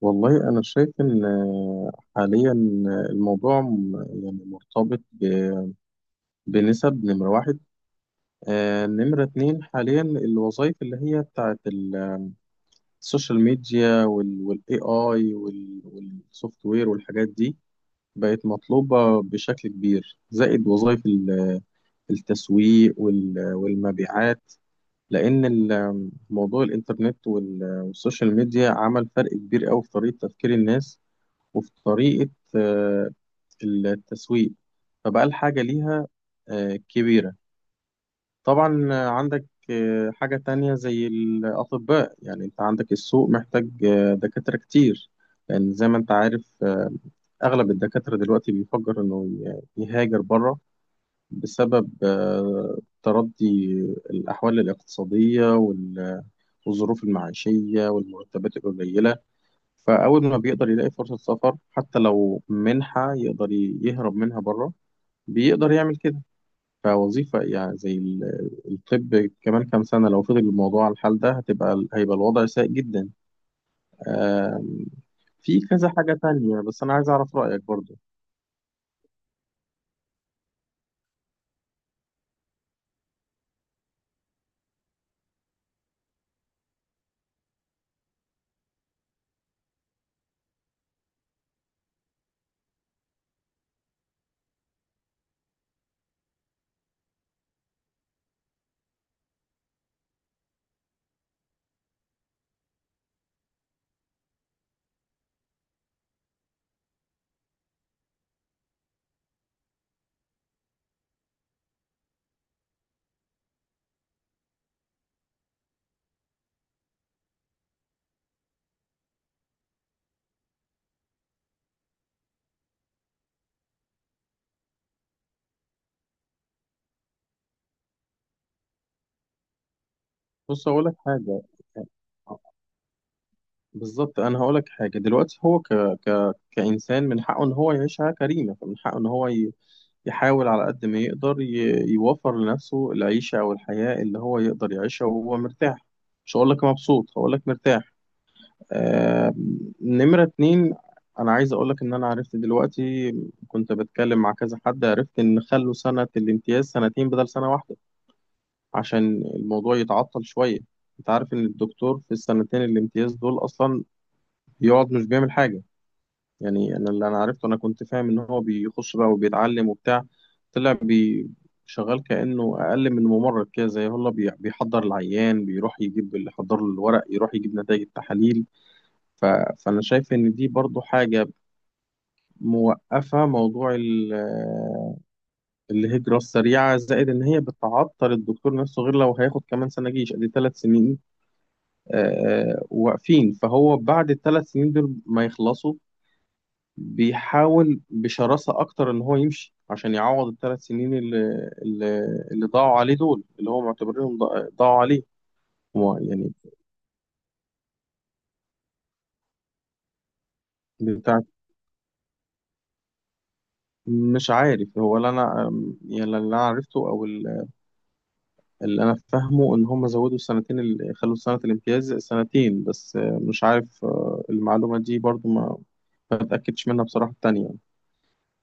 والله أنا شايف إن حاليا، الموضوع يعني مرتبط بنسب نمرة واحد. نمرة اتنين، حاليا الوظائف اللي هي بتاعت السوشيال ميديا والاي اي والسوفت وير والحاجات دي بقت مطلوبة بشكل كبير، زائد وظائف التسويق والمبيعات، لأن موضوع الإنترنت والسوشيال ميديا عمل فرق كبير أوي في طريقة تفكير الناس، وفي طريقة آه، التسويق، فبقى الحاجة ليها كبيرة. طبعا عندك حاجة تانية زي الأطباء، يعني أنت عندك السوق محتاج دكاترة كتير، لأن زي ما أنت عارف، أغلب الدكاترة دلوقتي بيفكر إنه يهاجر بره بسبب تردي الأحوال الاقتصادية والظروف المعيشية والمرتبات القليلة. فأول ما بيقدر يلاقي فرصة سفر حتى لو منحة يقدر يهرب منها بره، بيقدر يعمل كده. فوظيفة يعني زي الطب، كمان كام سنة لو فضل الموضوع على الحال ده هيبقى الوضع سيء جدا. آم، في كذا حاجة تانية، بس أنا عايز أعرف رأيك برضو. بص أقول لك حاجة. آه، بالظبط، أنا هقول لك حاجة دلوقتي. هو كإنسان من حقه إن هو يعيش حياة كريمة، فمن حقه إن هو يحاول على قد ما يقدر يوفر لنفسه العيشة أو الحياة اللي هو يقدر يعيشها وهو مرتاح. مش هقول لك مبسوط، هقول لك مرتاح. آه، نمرة اتنين، أنا عايز أقولك إن أنا عرفت دلوقتي، كنت بتكلم مع كذا حد، عرفت إن خلوا سنة الامتياز سنتين بدل سنة واحدة عشان الموضوع يتعطل شوية. أنت عارف إن الدكتور في السنتين الامتياز دول أصلا بيقعد مش بيعمل حاجة. يعني أنا اللي أنا عرفته، أنا كنت فاهم إن هو بيخش بقى وبيتعلم وبتاع. طلع بي شغال كأنه أقل من ممرض كده، زي هو بيحضر العيان، بيروح يجيب اللي حضر له الورق، يروح يجيب نتائج التحاليل. ف... فأنا شايف إن دي برضو حاجة موقفة موضوع الهجرة السريعة، زائد إن هي بتعطل الدكتور نفسه، غير لو هياخد كمان سنة جيش، أدي 3 سنين واقفين. فهو بعد الثلاث سنين دول ما يخلصوا بيحاول بشراسة أكتر إن هو يمشي عشان يعوض الثلاث سنين اللي, اللي ضاعوا عليه دول، اللي هو معتبرينهم ضاعوا عليه. هو يعني بتاع، مش عارف هو. لا، أنا يعني اللي أنا عرفته أو اللي انا فاهمه، ان هم زودوا السنتين، اللي خلوا سنه الامتياز سنتين. بس مش عارف، المعلومه دي برضو ما اتاكدش منها بصراحه التانية يعني.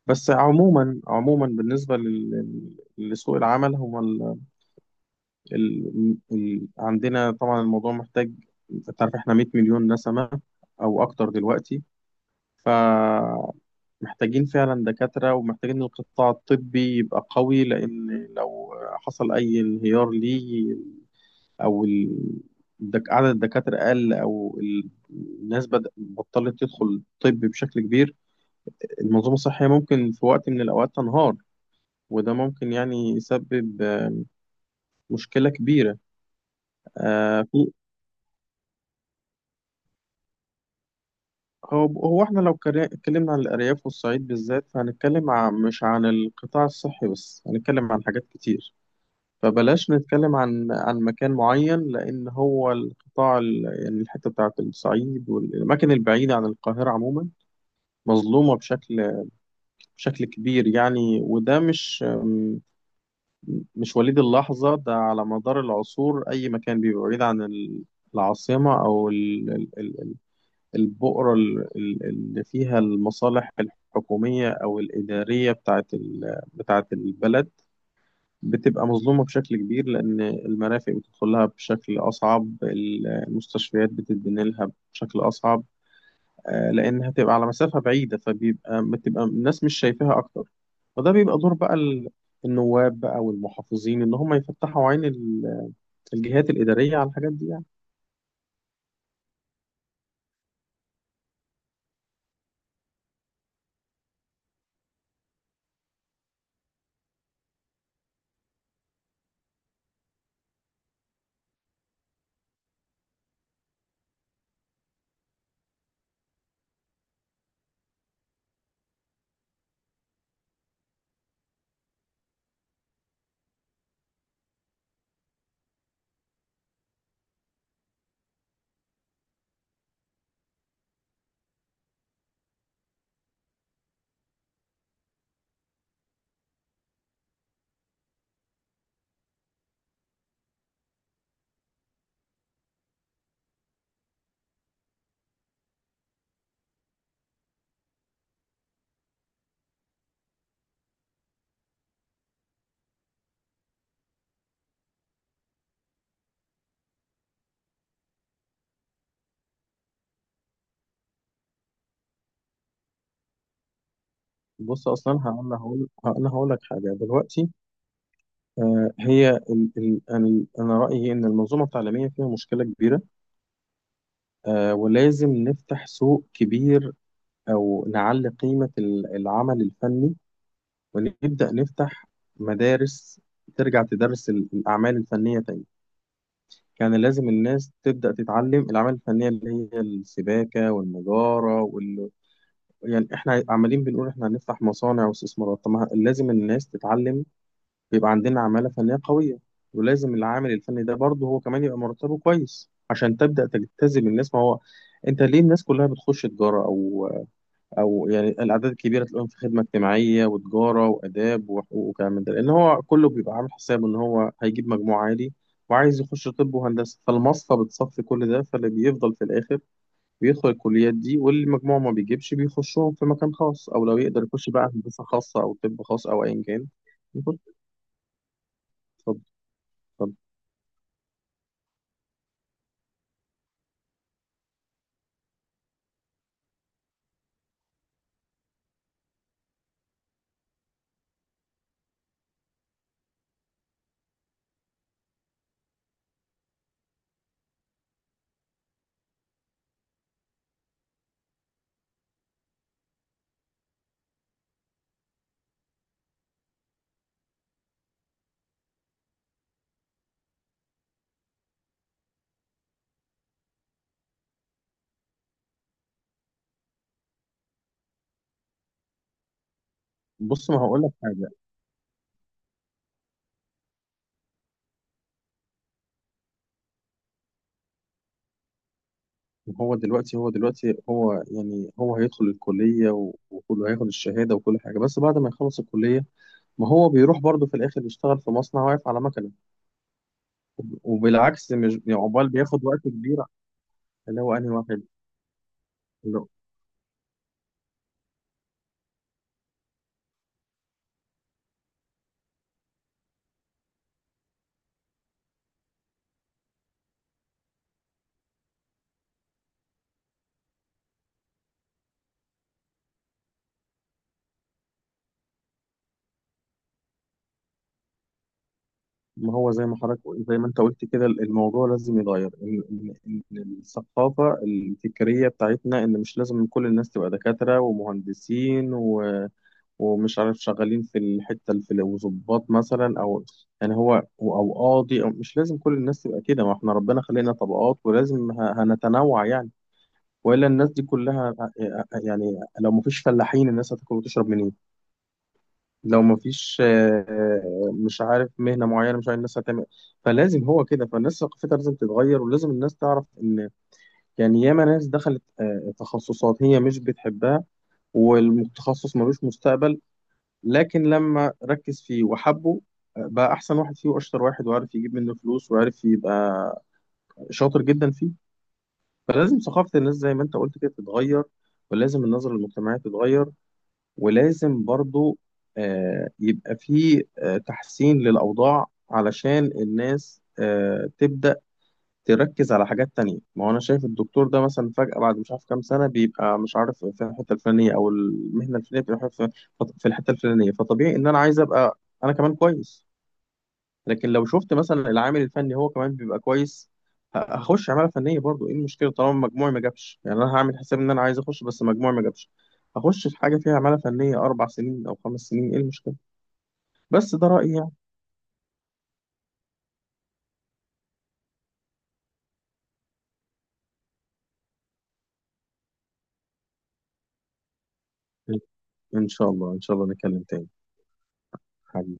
بس عموما، عموما بالنسبه لسوق العمل، هو عندنا طبعا الموضوع محتاج. انت عارف احنا 100 مليون نسمه او اكتر دلوقتي، فمحتاجين فعلا دكاتره، ومحتاجين القطاع الطبي يبقى قوي، لان لو حصل اي انهيار ليه، او عدد الدكاتره قل، او الناس بدأ بطلت تدخل طب بشكل كبير، المنظومه الصحيه ممكن في وقت من الاوقات تنهار، وده ممكن يعني يسبب مشكله كبيره. في. هو هو احنا لو اتكلمنا عن الارياف والصعيد بالذات، فهنتكلم عن مش عن القطاع الصحي بس، هنتكلم عن حاجات كتير. فبلاش نتكلم عن مكان معين، لان هو يعني الحته بتاعت الصعيد والاماكن البعيده عن القاهره عموما مظلومه بشكل كبير يعني، وده مش وليد اللحظة، ده على مدار العصور أي مكان بيبقى بعيد عن العاصمة أو البؤرة اللي فيها المصالح الحكومية أو الإدارية بتاعت البلد بتبقى مظلومة بشكل كبير، لأن المرافق بتدخلها بشكل أصعب، المستشفيات بتتبني لها بشكل أصعب. لان هتبقى على مسافه بعيده، بتبقى الناس مش شايفاها اكتر. وده بيبقى دور بقى النواب بقى والمحافظين، ان هم يفتحوا عين الجهات الاداريه على الحاجات دي يعني. بص، اصلا هقول انا هقول انا هقول لك حاجه دلوقتي. هي ال ال ال انا رايي ان المنظومه التعليميه فيها مشكله كبيره، ولازم نفتح سوق كبير، او نعلي قيمه العمل الفني، ونبدا نفتح مدارس ترجع تدرس الاعمال الفنيه تاني. كان لازم الناس تبدأ تتعلم الأعمال الفنية اللي هي السباكة والنجارة يعني إحنا عمالين بنقول إحنا هنفتح مصانع واستثمارات، طب ما لازم الناس تتعلم يبقى عندنا عمالة فنية قوية. ولازم العامل الفني ده برضه هو كمان يبقى مرتبه كويس عشان تبدأ تجتذب الناس. ما هو أنت ليه الناس كلها بتخش تجارة أو يعني الاعداد الكبيره تلاقيهم في خدمه اجتماعيه وتجاره واداب وحقوق وكلام من ده؟ لان هو كله بيبقى عامل حسابه ان هو هيجيب مجموع عالي وعايز يخش طب وهندسه، فالمصفى بتصفي كل ده، فاللي بيفضل في الاخر بيدخل الكليات دي، واللي مجموعه ما بيجيبش بيخشهم في مكان خاص، او لو يقدر يخش بقى هندسه خاصه او طب خاص او ايا كان يخش. اتفضل. اتفضل. بص ما هقول لك حاجه. هو دلوقتي هو دلوقتي هو يعني هو هيدخل الكليه وكله هياخد الشهاده وكل حاجه، بس بعد ما يخلص الكليه ما هو بيروح برضه في الآخر يشتغل في مصنع واقف على مكنة، وبالعكس مش يعني عقبال بياخد وقت كبير. اللي هو أنهي واحد اللي- ما هو زي ما حضرتك، زي ما أنت قلت كده، الموضوع لازم يتغير، إن إن الثقافة الفكرية بتاعتنا إن مش لازم كل الناس تبقى دكاترة ومهندسين ومش عارف شغالين في وظباط مثلا، أو يعني هو أو قاضي، أو مش لازم كل الناس تبقى كده، ما إحنا ربنا خلقنا طبقات ولازم هنتنوع يعني. والا الناس دي كلها يعني لو مفيش فلاحين الناس هتاكل وتشرب منين؟ لو مفيش مش عارف مهنه معينه، مش عارف الناس هتعمل إيه. فلازم هو كده، فالناس ثقافتها لازم تتغير، ولازم الناس تعرف ان، يعني، ياما ناس دخلت تخصصات هي مش بتحبها والتخصص ملوش مستقبل، لكن لما ركز فيه وحبه بقى احسن واحد فيه واشطر واحد، وعارف يجيب منه فلوس وعارف يبقى شاطر جدا فيه. فلازم ثقافه الناس زي ما انت قلت كده تتغير، ولازم النظرة للمجتمعية تتغير، ولازم برضو يبقى في تحسين للأوضاع علشان الناس تبدأ تركز على حاجات تانية. ما هو أنا شايف الدكتور ده مثلا فجأة بعد مش عارف كام سنة بيبقى مش عارف في الحتة الفلانية أو المهنة الفلانية، بيبقى في الحتة الفلانية، فطبيعي إن أنا عايز أبقى أنا كمان كويس. لكن لو شفت مثلا العامل الفني هو كمان بيبقى كويس، هخش عماله فنيه، برضو ايه المشكله؟ طالما مجموعي ما جابش يعني انا هعمل حساب ان انا عايز اخش بس مجموعي ما جابش، هخش في حاجه فيها عماله فنيه 4 سنين او 5 سنين، ايه المشكله؟ بس ده رايي يعني. ان شاء الله، ان شاء الله نتكلم تاني. حبيبي.